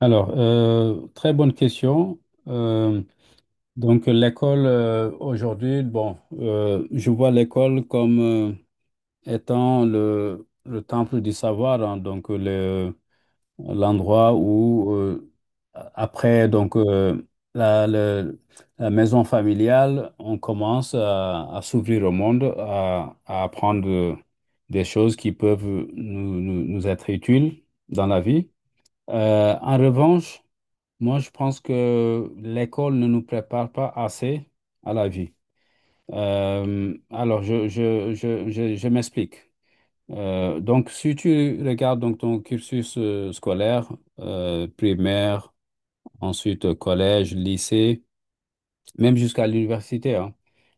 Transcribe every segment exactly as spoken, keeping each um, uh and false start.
Alors, euh, très bonne question. Euh, donc, l'école euh, aujourd'hui, bon, euh, je vois l'école comme euh, étant le, le temple du savoir, hein, donc le, l'endroit où, euh, après donc euh, la, le- la maison familiale, on commence à, à s'ouvrir au monde, à, à apprendre euh, des choses qui peuvent nous, nous nous être utiles dans la vie. Euh, en revanche, moi, je pense que l'école ne nous prépare pas assez à la vie. Euh, alors, je, je, je, je, je m'explique. Euh, donc, si tu regardes donc, ton cursus euh, scolaire, euh, primaire, ensuite euh, collège, lycée, même jusqu'à l'université, hein.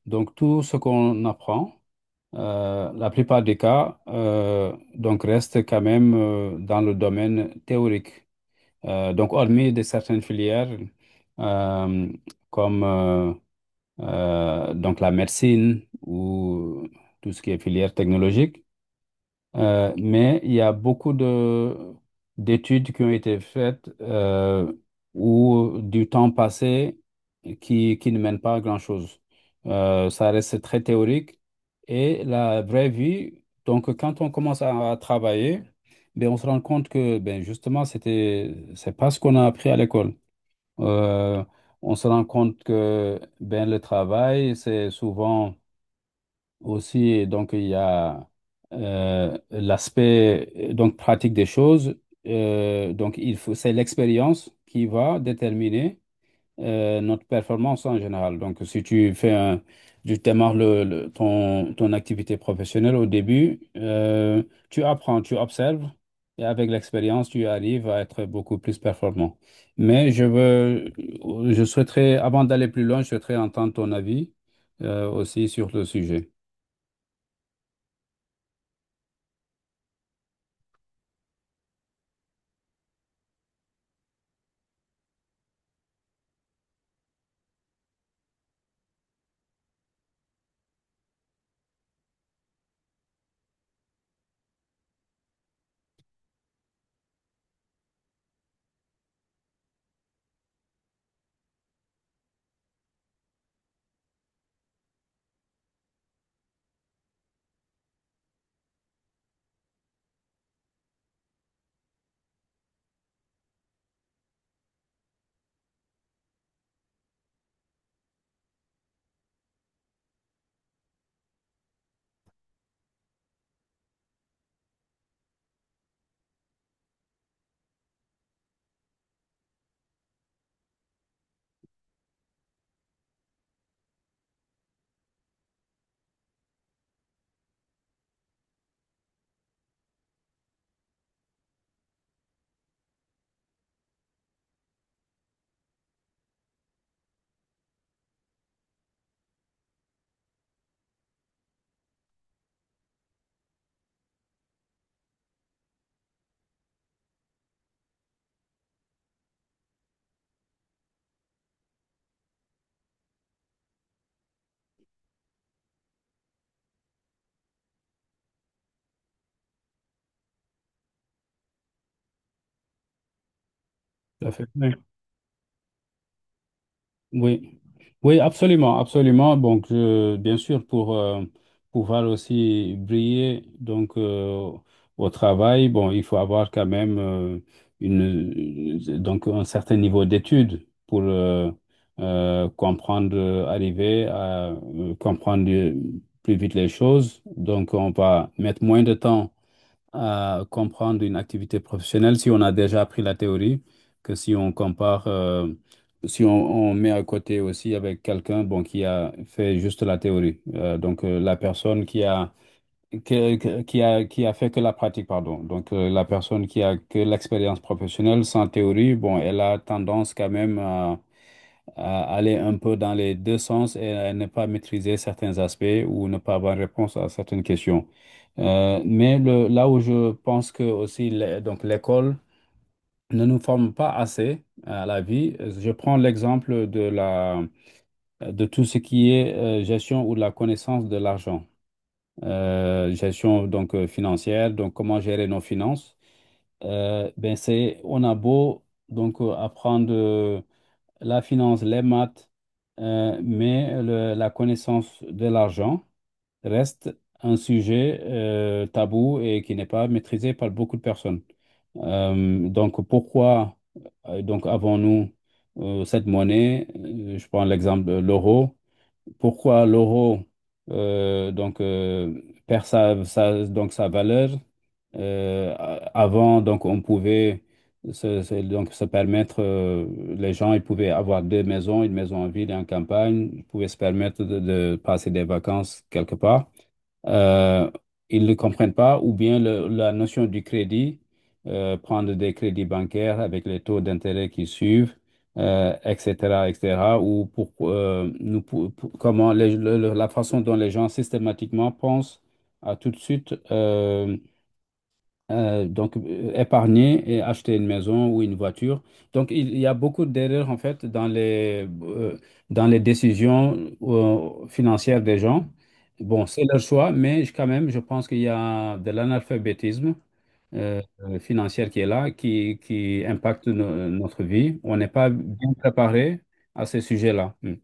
Donc tout ce qu'on apprend, euh, la plupart des cas, euh, donc reste quand même euh, dans le domaine théorique. Euh, donc, hormis de certaines filières euh, comme euh, euh, donc la médecine ou tout ce qui est filière technologique, euh, mais il y a beaucoup de d'études qui ont été faites euh, où du temps passé qui, qui ne mène pas à grand-chose. Euh, ça reste très théorique. Et la vraie vie, donc quand on commence à, à travailler, ben, on se rend compte que ben, justement, c'était, c'est pas ce qu'on a appris à l'école. Euh, on se rend compte que ben, le travail, c'est souvent aussi, donc, il y a euh, l'aspect euh, donc pratique des choses. Euh, donc, il faut, c'est l'expérience qui va déterminer euh, notre performance en général. Donc, si tu fais un, tu démarres le, le- ton, ton activité professionnelle au début, euh, tu apprends, tu observes et avec l'expérience, tu arrives à être beaucoup plus performant. Mais je veux, je souhaiterais, avant d'aller plus loin, je souhaiterais entendre ton avis euh, aussi sur le sujet. Tout à fait. Oui, oui, oui, absolument, absolument. Donc, je- bien sûr, pour euh, pouvoir aussi briller donc euh, au travail, bon, il faut avoir quand même euh, une euh, donc un certain niveau d'études pour euh, euh, comprendre, euh, arriver à euh, comprendre euh, plus vite les choses. Donc, on va mettre moins de temps à comprendre une activité professionnelle si on a déjà appris la théorie, que si on compare, euh, si on, on met à côté aussi avec quelqu'un bon, qui a fait juste la théorie. Euh, donc euh, la personne qui a, que- que- qui a, qui a fait que la pratique, pardon. Donc euh, la personne qui a que l'expérience professionnelle sans théorie, bon, elle a tendance quand même à à aller un peu dans les deux sens et à ne pas maîtriser certains aspects ou ne pas avoir réponse à certaines questions. Euh, mais le- là où je pense que aussi l'é- donc l'école ne nous forme pas assez à la vie, je prends l'exemple de la de tout ce qui est euh, gestion ou de la connaissance de l'argent. Euh, gestion donc euh, financière, donc comment gérer nos finances. Euh, ben c'est on a beau donc euh, apprendre la finance, les maths, euh, mais le- la connaissance de l'argent reste un sujet euh, tabou et qui n'est pas maîtrisé par beaucoup de personnes. Euh, donc pourquoi euh, donc avons-nous euh, cette monnaie? Euh, Je prends l'exemple de l'euro, pourquoi l'euro euh, donc euh, perd sa, sa- donc sa valeur. Euh, a- avant, donc on pouvait se, se- donc se permettre, euh, les gens ils pouvaient avoir deux maisons, une maison en ville et en campagne, ils pouvaient se permettre de, de passer des vacances quelque part, euh, ils ne comprennent pas, ou bien le- la notion du crédit, euh, prendre des crédits bancaires avec les taux d'intérêt qui suivent, euh, et cetera, et cetera, ou pour, euh, nous, pour- pour- comment les- le- le- la façon dont les gens systématiquement pensent à tout de suite. Euh, euh, donc, euh, épargner et acheter une maison ou une voiture. Donc, il, il y a beaucoup d'erreurs, en fait, dans les, euh, dans les décisions euh, financières des gens. Bon, c'est leur choix, mais je- quand même, je pense qu'il y a de l'analphabétisme euh, euh, financier qui est là, qui, qui impacte no- notre vie. On n'est pas bien préparé à ces sujets-là. Hmm.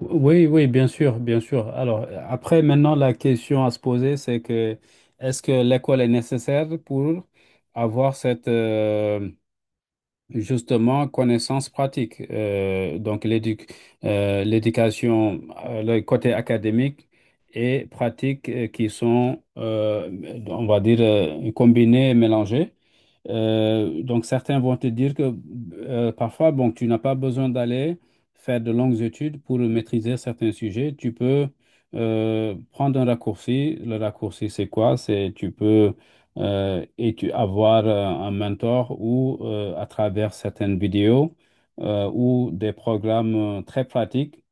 Oui, oui, bien sûr, bien sûr. Alors, euh, après, maintenant, la question à se poser, c'est que est-ce que l'école est nécessaire pour avoir cette, euh, justement, connaissance pratique. euh, donc, l'édu- euh, l'éducation, euh, le côté académique et pratique euh, qui sont, euh, on va dire, euh, combinés et mélangés. Euh, donc, certains vont te dire que euh, parfois, bon, tu n'as pas besoin d'aller faire de longues études pour maîtriser certains sujets. Tu peux euh, prendre un raccourci. Le raccourci, c'est quoi? C'est tu peux euh, et tu, avoir euh, un mentor ou euh, à travers certaines vidéos euh, ou des programmes euh, très pratiques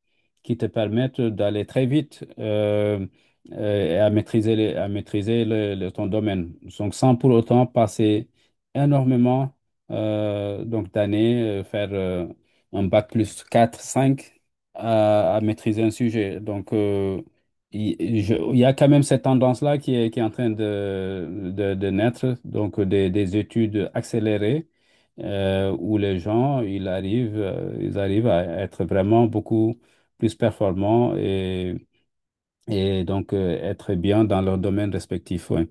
qui te permettent d'aller très vite euh, euh, et à maîtriser, les- à maîtriser le- le- ton domaine. Donc, sans pour autant passer énormément euh, donc d'années, euh, faire euh, un bac plus quatre cinq à, à maîtriser un sujet. Donc, euh, il je- il y a quand même cette tendance-là qui est, qui est en train de, de, de naître, donc des, des études accélérées euh, où les gens, ils arrivent, euh, ils arrivent à être vraiment beaucoup plus performants et, et donc euh, être bien dans leur domaine respectif. Ouais.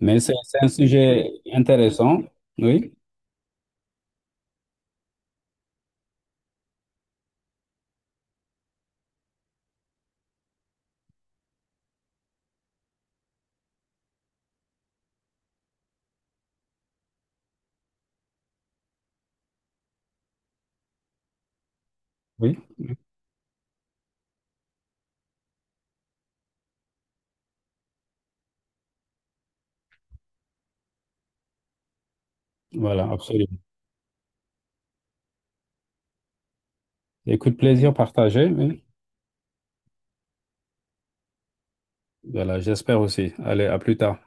Mais c'est c'est un sujet intéressant. Oui, oui, voilà, absolument. Écoute, plaisir partagé. Oui. Voilà, j'espère aussi. Allez, à plus tard.